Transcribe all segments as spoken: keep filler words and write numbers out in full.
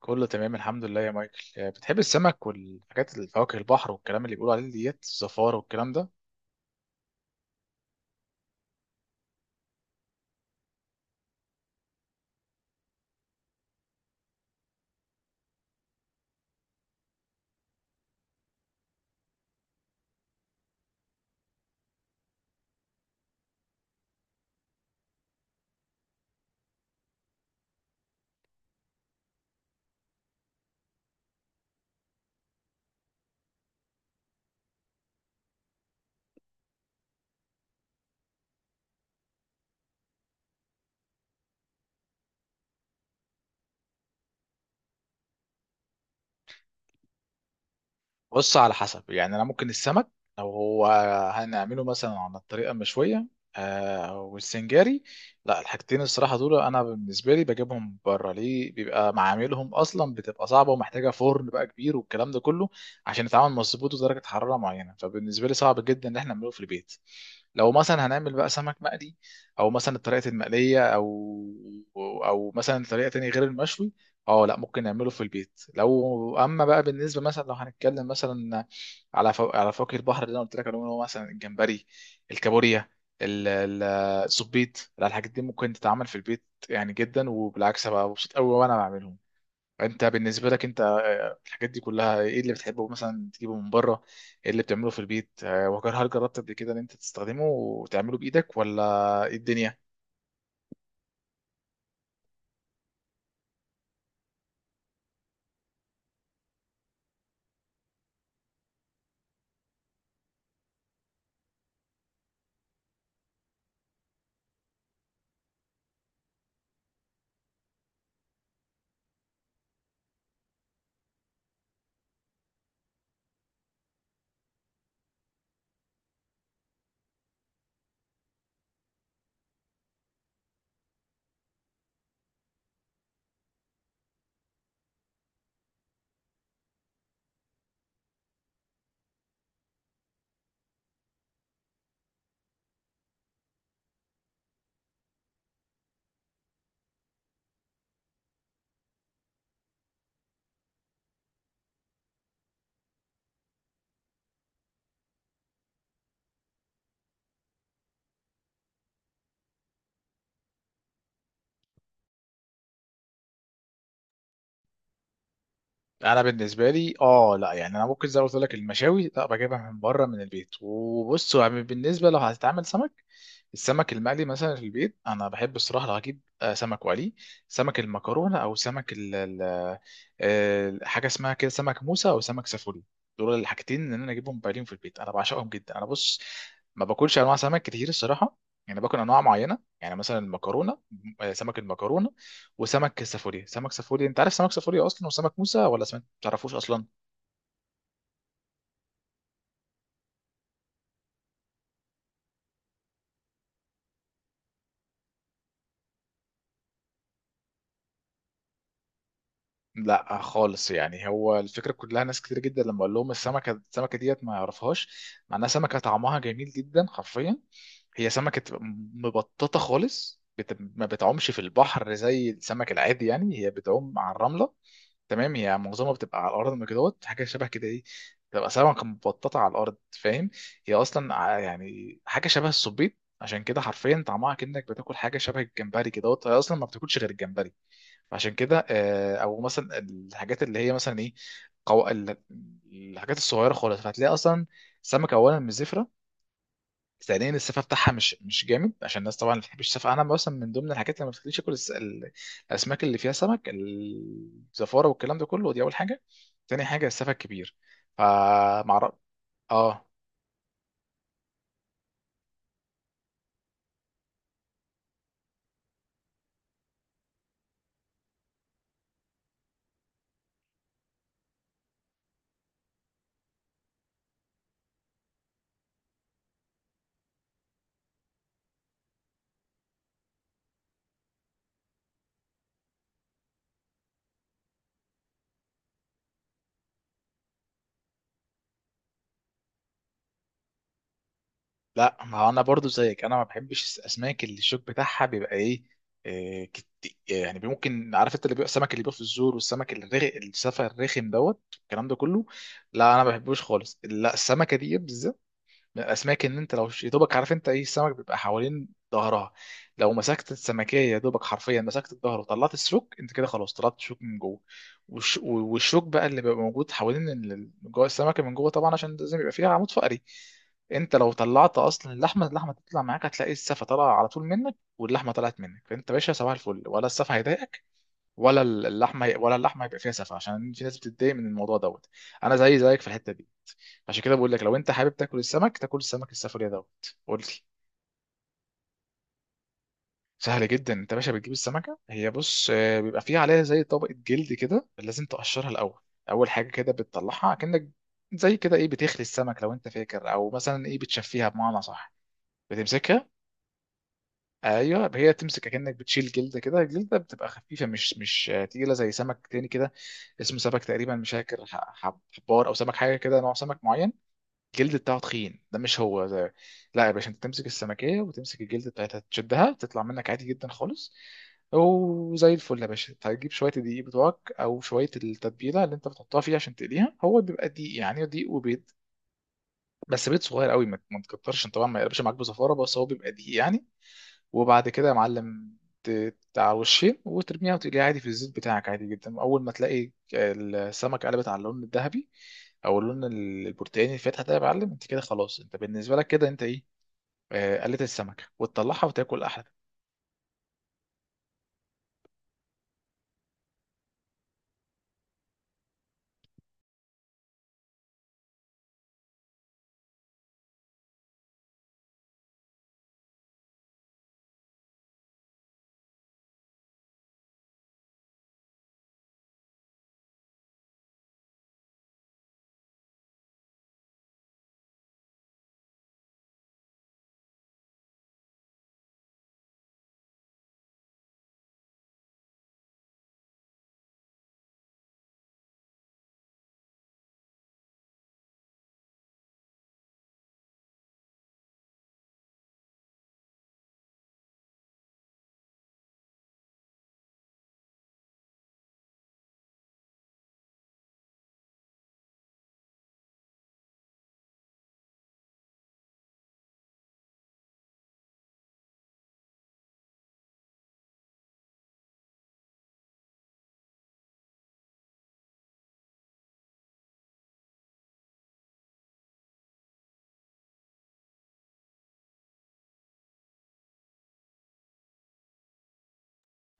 كله تمام الحمد لله يا مايكل. آه، بتحب السمك والحاجات الفواكه البحر والكلام اللي بيقولوا عليه ديت الزفارة والكلام ده؟ بص، على حسب. يعني انا ممكن السمك لو هو هنعمله مثلا على الطريقه المشويه آه، والسنجاري، لا الحاجتين الصراحه دول انا بالنسبه لي بجيبهم بره، ليه؟ بيبقى معاملهم اصلا بتبقى صعبه ومحتاجه فرن بقى كبير والكلام ده كله عشان يتعامل مظبوط ودرجه حراره معينه، فبالنسبه لي صعب جدا ان احنا نعمله في البيت. لو مثلا هنعمل بقى سمك مقلي او مثلا طريقه المقليه او او مثلا طريقه تانية غير المشوي، اه لا ممكن نعمله في البيت. لو اما بقى بالنسبه مثلا لو هنتكلم مثلا على فو... على فواكه البحر اللي انا قلت لك عليهم، اللي هو مثلا الجمبري، الكابوريا، ال- ال- الزبيط، لا الحاجات دي ممكن تتعمل في البيت يعني جدا، وبالعكس بقى مبسوط قوي وانا بعملهم. انت بالنسبه لك انت الحاجات دي كلها ايه اللي بتحبه مثلا تجيبه من بره؟ ايه اللي بتعمله في البيت؟ آه، وهل جربت قبل كده ان انت تستخدمه وتعمله بايدك ولا ايه الدنيا؟ انا بالنسبه لي اه لا، يعني انا ممكن زي ما قلت لك المشاوي لا بجيبها من بره من البيت. وبص، يعني بالنسبه لو هتتعمل سمك، السمك المقلي مثلا في البيت، انا بحب الصراحه لو هجيب آه، سمك وقلي سمك المكرونه او سمك ال ال- آه، حاجه اسمها كده سمك موسى او سمك سافوري، دول الحاجتين ان انا اجيبهم بايلين في البيت انا بعشقهم جدا. انا بص، ما باكلش انواع سمك كتير الصراحه، يعني باكل انواع معينه، يعني مثلا المكرونه، آه، سمك المكرونه وسمك سافوري. سمك سافوري انت عارف سمك سافوري اصلا وسمك موسى ولا سمك تعرفوش اصلا؟ لا خالص، يعني هو الفكره كلها ناس كتير جدا لما اقول لهم السمكه السمكه ديت ما يعرفهاش، مع انها سمكه طعمها جميل جدا حرفيا. هي سمكه مبططه خالص، بت... ما بتعومش في البحر زي السمك العادي، يعني هي بتعوم على الرمله، تمام؟ هي معظمها بتبقى على الارض من كدهوت، حاجه شبه كده ايه، بتبقى سمكه مبططه على الارض، فاهم؟ هي اصلا ع- يعني حاجه شبه السبيط، عشان كده حرفيا طعمها كأنك بتاكل حاجه شبه الجمبري كدهوت، هي اصلا ما بتاكلش غير الجمبري، عشان كده. آه، او مثلا الحاجات اللي هي مثلا ايه، قو... ال- الحاجات الصغيره خالص، فهتلاقي اصلا سمكه اولا مش زفره، ثانيا السفه بتاعها مش مش جامد، عشان الناس طبعا ما بتحبش السفه. انا مثلا من ضمن الحاجات اللي ما بتخليش اكل الس- ال- الاسماك اللي فيها سمك الزفاره والكلام ده كله، دي اول حاجه. تاني حاجه السفه الكبير، فمعرف. اه. لا ما هو انا برضو زيك، انا ما بحبش الاسماك اللي الشوك بتاعها بيبقى ايه، إيه، كت- يعني ممكن عارف انت اللي بيبقى السمك اللي بيبقى في الزور والسمك الرغ... السفه الرخم دوت الكلام ده كله. لا انا ما بحبوش خالص، لا السمكه دي بالذات من الاسماك ان انت لو ش- يا دوبك عارف انت ايه السمك بيبقى حوالين ظهرها، لو مسكت السمكيه يا دوبك حرفيا مسكت الظهر وطلعت الشوك، انت كده خلاص طلعت الشوك من جوه. والش- والشوك بقى اللي بيبقى موجود حوالين ال- ال- جوه السمكه من جوه طبعا عشان لازم يبقى فيها عمود فقري. انت لو طلعت اصلا اللحمه، اللحمه تطلع معاك، هتلاقي السفه طالعه على طول منك واللحمه طلعت منك، فانت باشا صباح الفل، ولا السفه هيضايقك ولا اللحمه ولا اللحمه هيبقى فيها سفه، عشان في ناس بتتضايق من الموضوع دوت. انا زي زيك في الحته دي، عشان كده بقول لك لو انت حابب تاكل السمك تاكل السمك السفرية دوت، قول لي. سهل جدا. انت يا باشا بتجيب السمكه، هي بص آه، بيبقى فيها عليها زي طبقه جلد كده لازم تقشرها الاول. اول حاجه كده بتطلعها كأنك زي كده ايه، بتخلي السمك لو انت فاكر، او مثلا ايه بتشفيها بمعنى صح، بتمسكها. ايوه، هي تمسك كأنك بتشيل جلد كده، الجلده بتبقى خفيفه مش مش آه، تقيله زي سمك تاني كده، اسمه سمك تقريبا مش فاكر ح- حب- حبار او سمك حاجه كده نوع سمك معين، الجلد بتاعه تخين ده، مش هو ده. لا يا باشا، انت تمسك السمكية وتمسك الجلد بتاعتها تشدها تطلع منك عادي جدا خالص، وزي الفل. يا باشا هتجيب شوية الدقيق بتوعك أو شوية التتبيلة اللي أنت بتحطها فيها عشان تقليها، هو بيبقى دقيق، يعني دقيق وبيض، بس بيض صغير قوي، ما ما تكترش طبعا ما يقلبش معاك بزفارة، بس هو بيبقى دقيق يعني. وبعد كده يا معلم، ت- على وشين وترميها وتقليها عادي في الزيت بتاعك عادي جدا. اول ما تلاقي السمك قلبت على اللون الذهبي او اللون البرتقاني الفاتح ده، يا معلم انت كده خلاص، انت بالنسبه لك كده انت ايه، آه، قلت السمكه وتطلعها وتاكل احلى.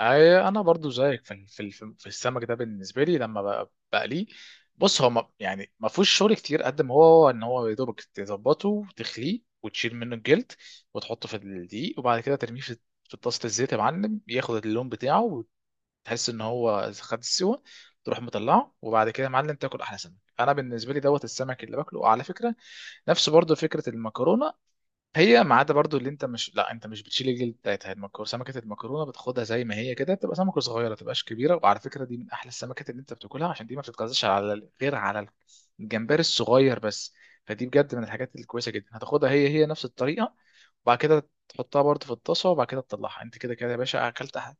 أي- انا برضو زيك في في في في السمك ده. بالنسبه لي لما بق- بقليه، بص هو ما- يعني ما فيهوش شغل كتير قد ما هو ان هو يا دوبك تظبطه وتخليه وتشيل منه الجلد وتحطه في الدقيق، وبعد كده ترميه في في طاسه الزيت، يا معلم ياخد اللون بتاعه، وتحس ان هو خد السوا، تروح مطلعه. وبعد كده يا معلم تاكل احلى سمك. انا بالنسبه لي دوت السمك اللي باكله على فكره، نفس برضو فكره المكرونه، هي ما عدا برضو اللي انت مش، لا انت مش بتشيل الجلد بتاعتها المكرونه. سمكه المكرونه بتاخدها زي ما هي كده، بتبقى سمكه صغيره ما تبقاش كبيره، وعلى فكره دي من احلى السمكات اللي انت بتاكلها، عشان دي ما بتتغذاش على ال- غير على الجمبري الصغير بس، فدي بجد من الحاجات الكويسه جدا. هتاخدها هي هي نفس الطريقه، وبعد كده تحطها برضو في الطاسه، وبعد كده تطلعها، انت كده كده يا باشا اكلت أحد.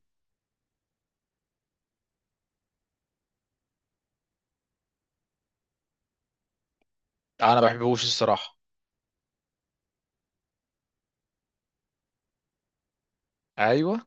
انا ما بحبهوش الصراحه. ايوه.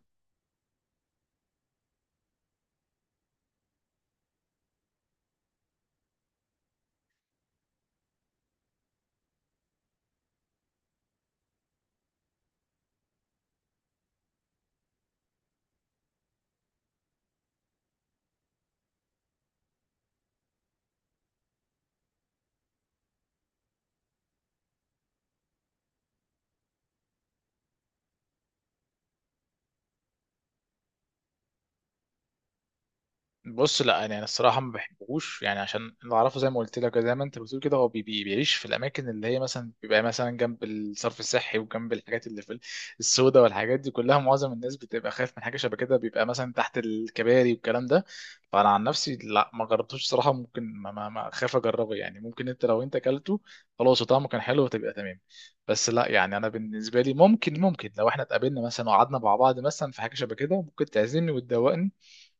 بص لا، يعني انا الصراحه ما بحبهوش، يعني عشان اللي اعرفه زي ما قلت لك زي ما انت بتقول كده، هو بي بي بيعيش في الاماكن اللي هي مثلا بيبقى مثلا جنب الصرف الصحي وجنب الحاجات اللي في السوداء والحاجات دي كلها، معظم الناس بتبقى خايف من حاجه شبه كده، بيبقى مثلا تحت الكباري والكلام ده. فانا عن نفسي لا ما جربتوش صراحه، ممكن ما ما, ما خايف اجربه يعني، ممكن انت لو انت اكلته خلاص وطعمه كان حلو وتبقى تمام. بس لا، يعني انا بالنسبه لي ممكن ممكن لو احنا اتقابلنا مثلا وقعدنا مع بعض مثلا في حاجه شبه كده ممكن تعزمني وتدوقني،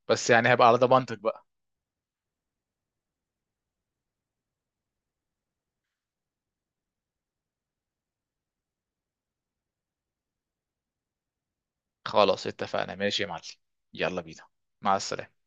بس يعني هبقى على ضمانتك بقى. خلاص اتفقنا، ماشي يا معلم. يلا بينا، مع السلامة.